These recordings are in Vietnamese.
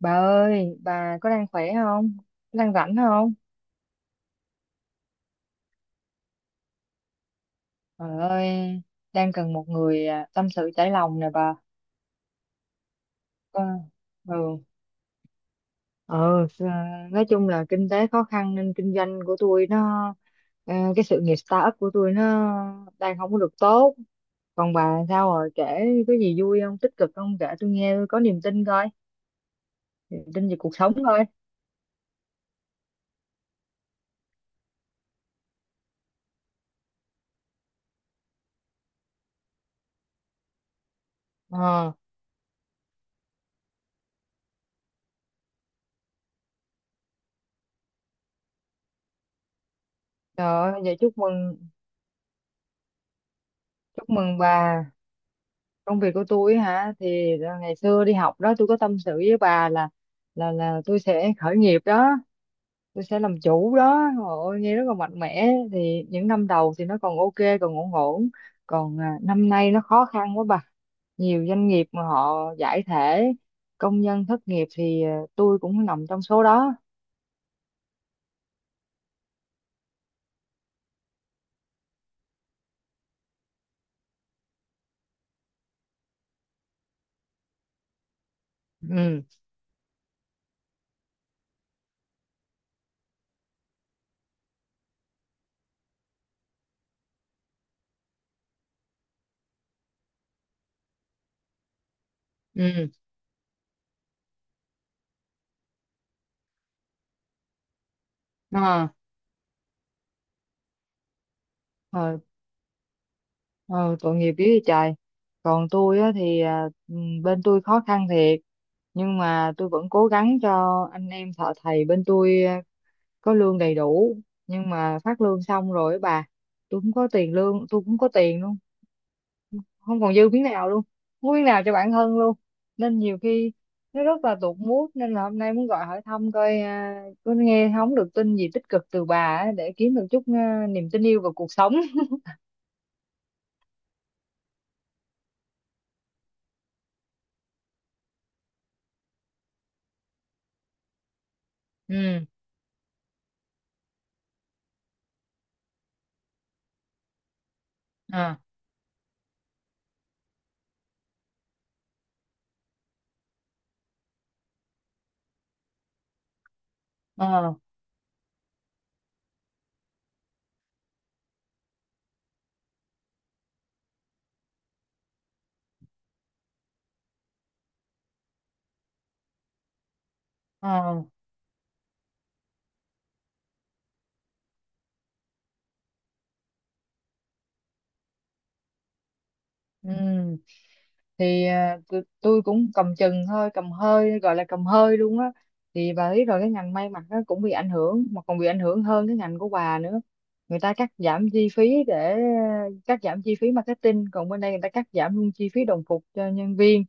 Bà ơi, bà có đang khỏe không? Có đang rảnh không? Trời ơi, đang cần một người tâm sự trải lòng nè bà. Ờ, ừ, nói chung là kinh tế khó khăn nên kinh doanh của tôi cái sự nghiệp startup của tôi nó đang không có được tốt. Còn bà sao rồi, kể có gì vui không, tích cực không, kể tôi nghe tôi có niềm tin coi, niềm tin về cuộc sống coi. Ờ, Trời ơi, vậy chúc mừng bà. Công việc của tôi hả thì ngày xưa đi học đó tôi có tâm sự với bà là tôi sẽ khởi nghiệp đó, tôi sẽ làm chủ đó, ôi nghe rất là mạnh mẽ. Thì những năm đầu thì nó còn ok, còn ổn ổn, còn năm nay nó khó khăn quá bà. Nhiều doanh nghiệp mà họ giải thể, công nhân thất nghiệp thì tôi cũng nằm trong số đó. Ừ. Ừ. À. Ừ, tội nghiệp với trời. Còn tôi á thì bên tôi khó khăn thiệt, nhưng mà tôi vẫn cố gắng cho anh em thợ thầy bên tôi có lương đầy đủ. Nhưng mà phát lương xong rồi á bà, tôi không có tiền, lương tôi cũng có tiền luôn, không còn dư miếng nào luôn, không có miếng nào cho bản thân luôn. Nên nhiều khi nó rất là tụt mood, nên là hôm nay muốn gọi hỏi thăm coi có nghe không được tin gì tích cực từ bà á, để kiếm được chút niềm tin yêu vào cuộc sống. Ừ. À. Ờ. Ờ. Ừ. Thì tôi cũng cầm chừng thôi, cầm hơi gọi là cầm hơi luôn á. Thì bà biết rồi, cái ngành may mặc nó cũng bị ảnh hưởng, mà còn bị ảnh hưởng hơn cái ngành của bà nữa. Người ta cắt giảm chi phí để cắt giảm chi phí marketing, còn bên đây người ta cắt giảm luôn chi phí đồng phục cho nhân viên.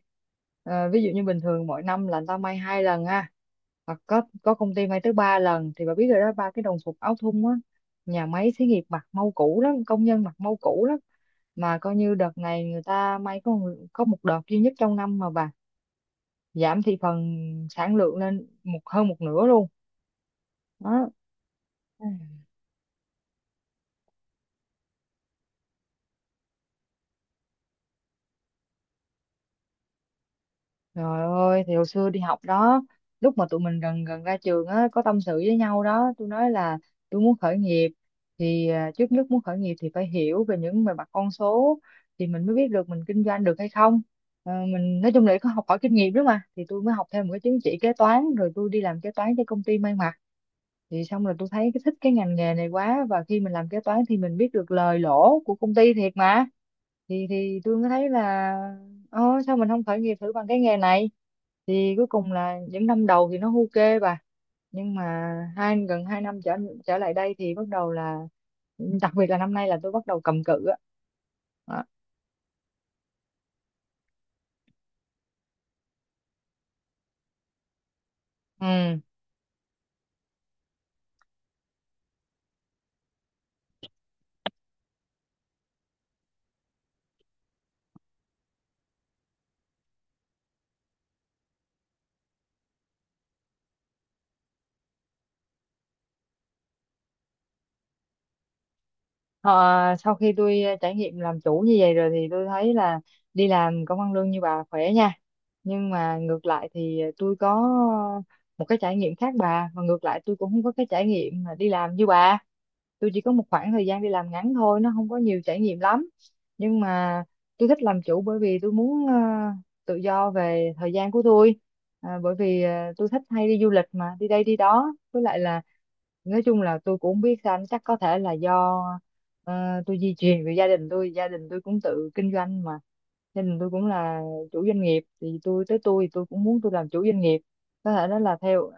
Ờ, ví dụ như bình thường mỗi năm là người ta may 2 lần ha, hoặc có công ty may tới 3 lần. Thì bà biết rồi đó, ba cái đồng phục áo thun á, nhà máy xí nghiệp mặc mau cũ lắm, công nhân mặc mau cũ lắm. Mà coi như đợt này người ta may có có một đợt duy nhất trong năm mà bà, giảm thị phần, sản lượng lên một hơn một nửa luôn. Đó. Trời ơi, thì hồi xưa đi học đó, lúc mà tụi mình gần gần ra trường á, có tâm sự với nhau đó, tôi nói là tôi muốn khởi nghiệp. Thì trước nhất muốn khởi nghiệp thì phải hiểu về những về mặt con số, thì mình mới biết được mình kinh doanh được hay không. Ờ, mình nói chung là có học hỏi kinh nghiệm đó mà, thì tôi mới học thêm một cái chứng chỉ kế toán, rồi tôi đi làm kế toán cho công ty may mặc. Thì xong rồi tôi thấy cái thích cái ngành nghề này quá, và khi mình làm kế toán thì mình biết được lời lỗ của công ty thiệt mà. Thì tôi mới thấy là sao mình không khởi nghiệp thử bằng cái nghề này? Thì cuối cùng là những năm đầu thì nó ok bà. Nhưng mà gần 2 năm trở trở lại đây thì bắt đầu là, đặc biệt là năm nay là tôi bắt đầu cầm cự á. Đó. Ừ. Ờ, sau khi tôi trải nghiệm làm chủ như vậy rồi thì tôi thấy là đi làm công ăn lương như bà khỏe nha. Nhưng mà ngược lại thì tôi có một cái trải nghiệm khác bà. Và ngược lại tôi cũng không có cái trải nghiệm mà đi làm như bà. Tôi chỉ có một khoảng thời gian đi làm ngắn thôi, nó không có nhiều trải nghiệm lắm, nhưng mà tôi thích làm chủ bởi vì tôi muốn tự do về thời gian của tôi. Bởi vì tôi thích hay đi du lịch mà đi đây đi đó, với lại là nói chung là tôi cũng không biết sao, chắc có thể là do ờ, tôi di truyền về gia đình tôi. Gia đình tôi cũng tự kinh doanh mà, gia đình tôi cũng là chủ doanh nghiệp, thì tôi tới tôi thì tôi cũng muốn tôi làm chủ doanh nghiệp. Có thể đó là theo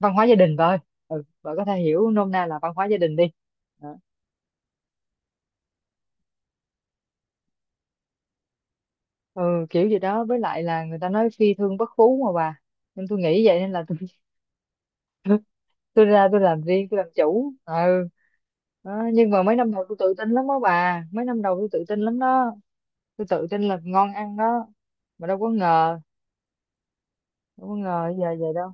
văn hóa gia đình thôi. Ừ, bạn có thể hiểu nôm na là văn hóa gia đình đi. Đó. Ừ, kiểu gì đó, với lại là người ta nói phi thương bất phú mà bà, nên tôi nghĩ vậy nên là tôi tôi ra tôi làm riêng tôi làm chủ. Ừ. Đó. Nhưng mà mấy năm đầu tôi tự tin lắm đó bà, mấy năm đầu tôi tự tin lắm đó, tôi tự tin là ngon ăn đó, mà đâu có ngờ, đâu có ngờ giờ vậy đâu.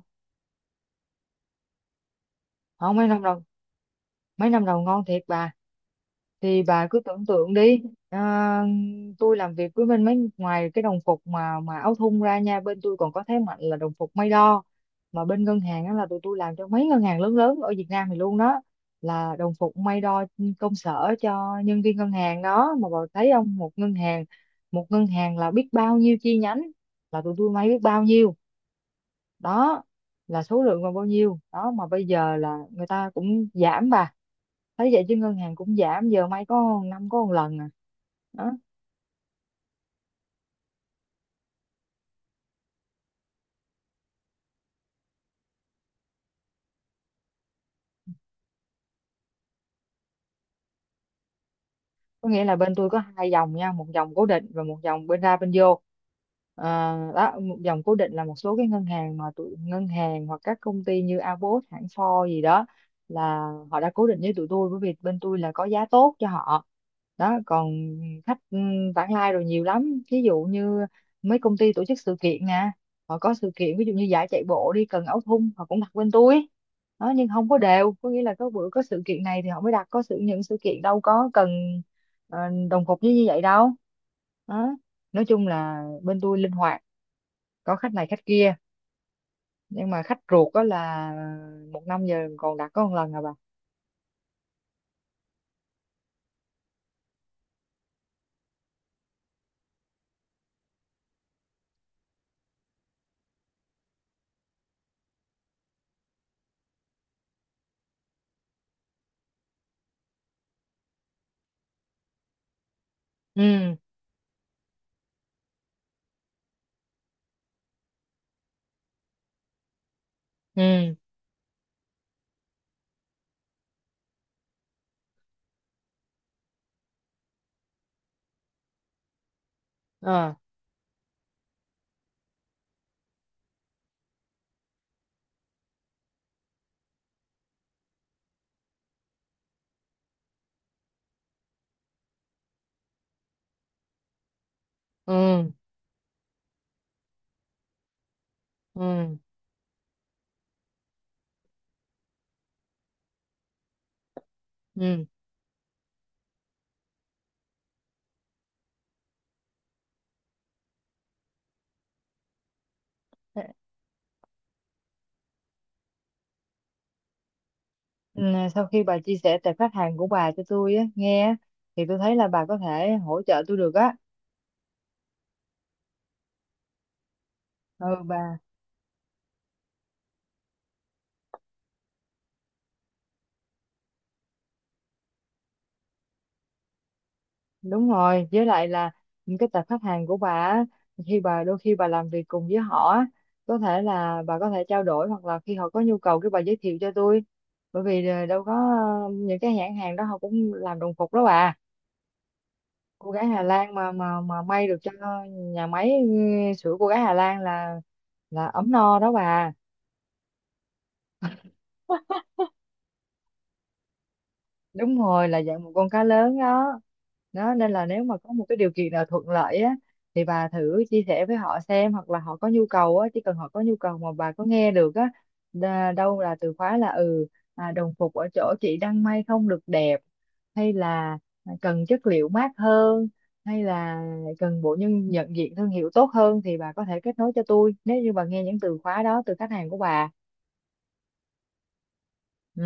Không, mấy năm đầu, mấy năm đầu ngon thiệt bà. Thì bà cứ tưởng tượng đi, à, tôi làm việc với bên mấy ngoài cái đồng phục mà áo thun ra nha, bên tôi còn có thế mạnh là đồng phục may đo. Mà bên ngân hàng đó là tụi tôi làm cho mấy ngân hàng lớn lớn ở Việt Nam thì luôn đó, là đồng phục may đo công sở cho nhân viên ngân hàng đó. Mà bà thấy không, một ngân hàng, một ngân hàng là biết bao nhiêu chi nhánh, là tụi tôi may biết bao nhiêu đó là số lượng còn bao nhiêu đó. Mà bây giờ là người ta cũng giảm, bà thấy vậy chứ ngân hàng cũng giảm, giờ may có năm có một lần à. Đó. Có nghĩa là bên tôi có hai dòng nha, một dòng cố định và một dòng bên ra bên vô. Ờ, đó, một dòng cố định là một số cái ngân hàng mà tụi ngân hàng, hoặc các công ty như Abot, hãng Ford gì đó, là họ đã cố định với tụi tôi bởi vì bên tôi là có giá tốt cho họ. Đó, còn khách vãng lai rồi nhiều lắm, ví dụ như mấy công ty tổ chức sự kiện nè, họ có sự kiện, ví dụ như giải chạy bộ đi Cần Áo Thun họ cũng đặt bên tôi. Đó, nhưng không có đều, có nghĩa là có bữa có sự kiện này thì họ mới đặt, có sự những sự kiện đâu có cần ờ, đồng cục với như vậy đâu. Đó. Nói chung là bên tôi linh hoạt, có khách này khách kia, nhưng mà khách ruột đó là một năm giờ còn đặt có một lần à bà. Ừ. Ừ. Ờ. Ừ. Ừ. Ừ. Ừ, sau khi bà chia sẻ tệp khách hàng của bà cho tôi á, nghe á, thì tôi thấy là bà có thể hỗ trợ tôi được á. Ừ, bà. Đúng rồi, với lại là những cái tập khách hàng của bà á, khi bà đôi khi bà làm việc cùng với họ á, có thể là bà có thể trao đổi hoặc là khi họ có nhu cầu cái bà giới thiệu cho tôi, bởi vì đâu có những cái nhãn hàng đó họ cũng làm đồng phục đó bà. Cô gái Hà Lan mà mà may được cho nhà máy. Ừ, sữa cô gái Hà Lan là ấm no đó bà. Đúng rồi, là dạng một con cá lớn đó. Đó, nên là nếu mà có một cái điều kiện nào thuận lợi á, thì bà thử chia sẻ với họ xem, hoặc là họ có nhu cầu á, chỉ cần họ có nhu cầu mà bà có nghe được á, đâu là từ khóa là đồng phục ở chỗ chị đang may không được đẹp, hay là cần chất liệu mát hơn, hay là cần bộ nhận diện thương hiệu tốt hơn, thì bà có thể kết nối cho tôi nếu như bà nghe những từ khóa đó từ khách hàng của bà. Ừ.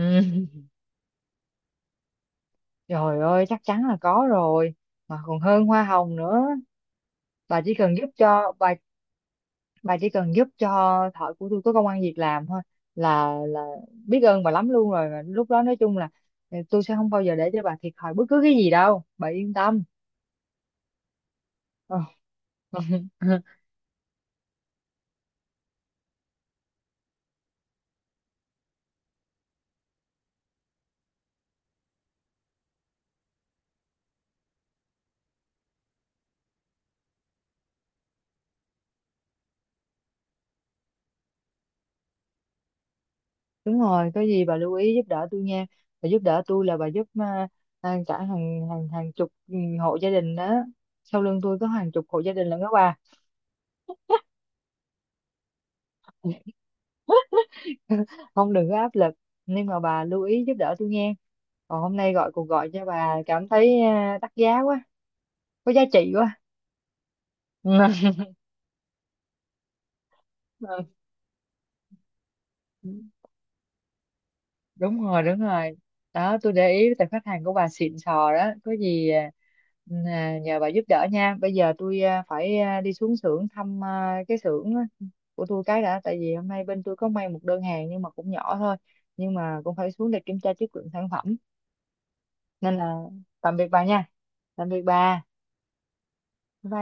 Trời ơi, chắc chắn là có rồi, mà còn hơn hoa hồng nữa. Bà chỉ cần giúp cho bà bà chỉ cần giúp cho thợ của tôi có công ăn việc làm thôi, là biết ơn bà lắm luôn rồi. Mà lúc đó nói chung là tôi sẽ không bao giờ để cho bà thiệt thòi bất cứ cái gì đâu. Bà yên tâm. Ờ. Đúng rồi, có gì bà lưu ý giúp đỡ tôi nha. Bà giúp đỡ tôi là bà giúp cả hàng hàng hàng chục hộ gia đình đó. Sau lưng tôi có hàng chục hộ gia đình lận đó bà. Không, đừng có áp lực, nhưng mà bà lưu ý giúp đỡ tôi nghe. Còn hôm nay gọi cuộc gọi cho bà cảm thấy đắt giá quá, có giá trị quá. Ừ. Đúng rồi, đúng rồi. Đó, tôi để ý tại khách hàng của bà xịn sò đó, có gì nhờ bà giúp đỡ nha. Bây giờ tôi phải đi xuống xưởng thăm cái xưởng á của tôi cái đã, tại vì hôm nay bên tôi có may một đơn hàng nhưng mà cũng nhỏ thôi, nhưng mà cũng phải xuống để kiểm tra chất lượng sản phẩm. Nên là tạm biệt bà nha. Tạm biệt bà. Bye bye.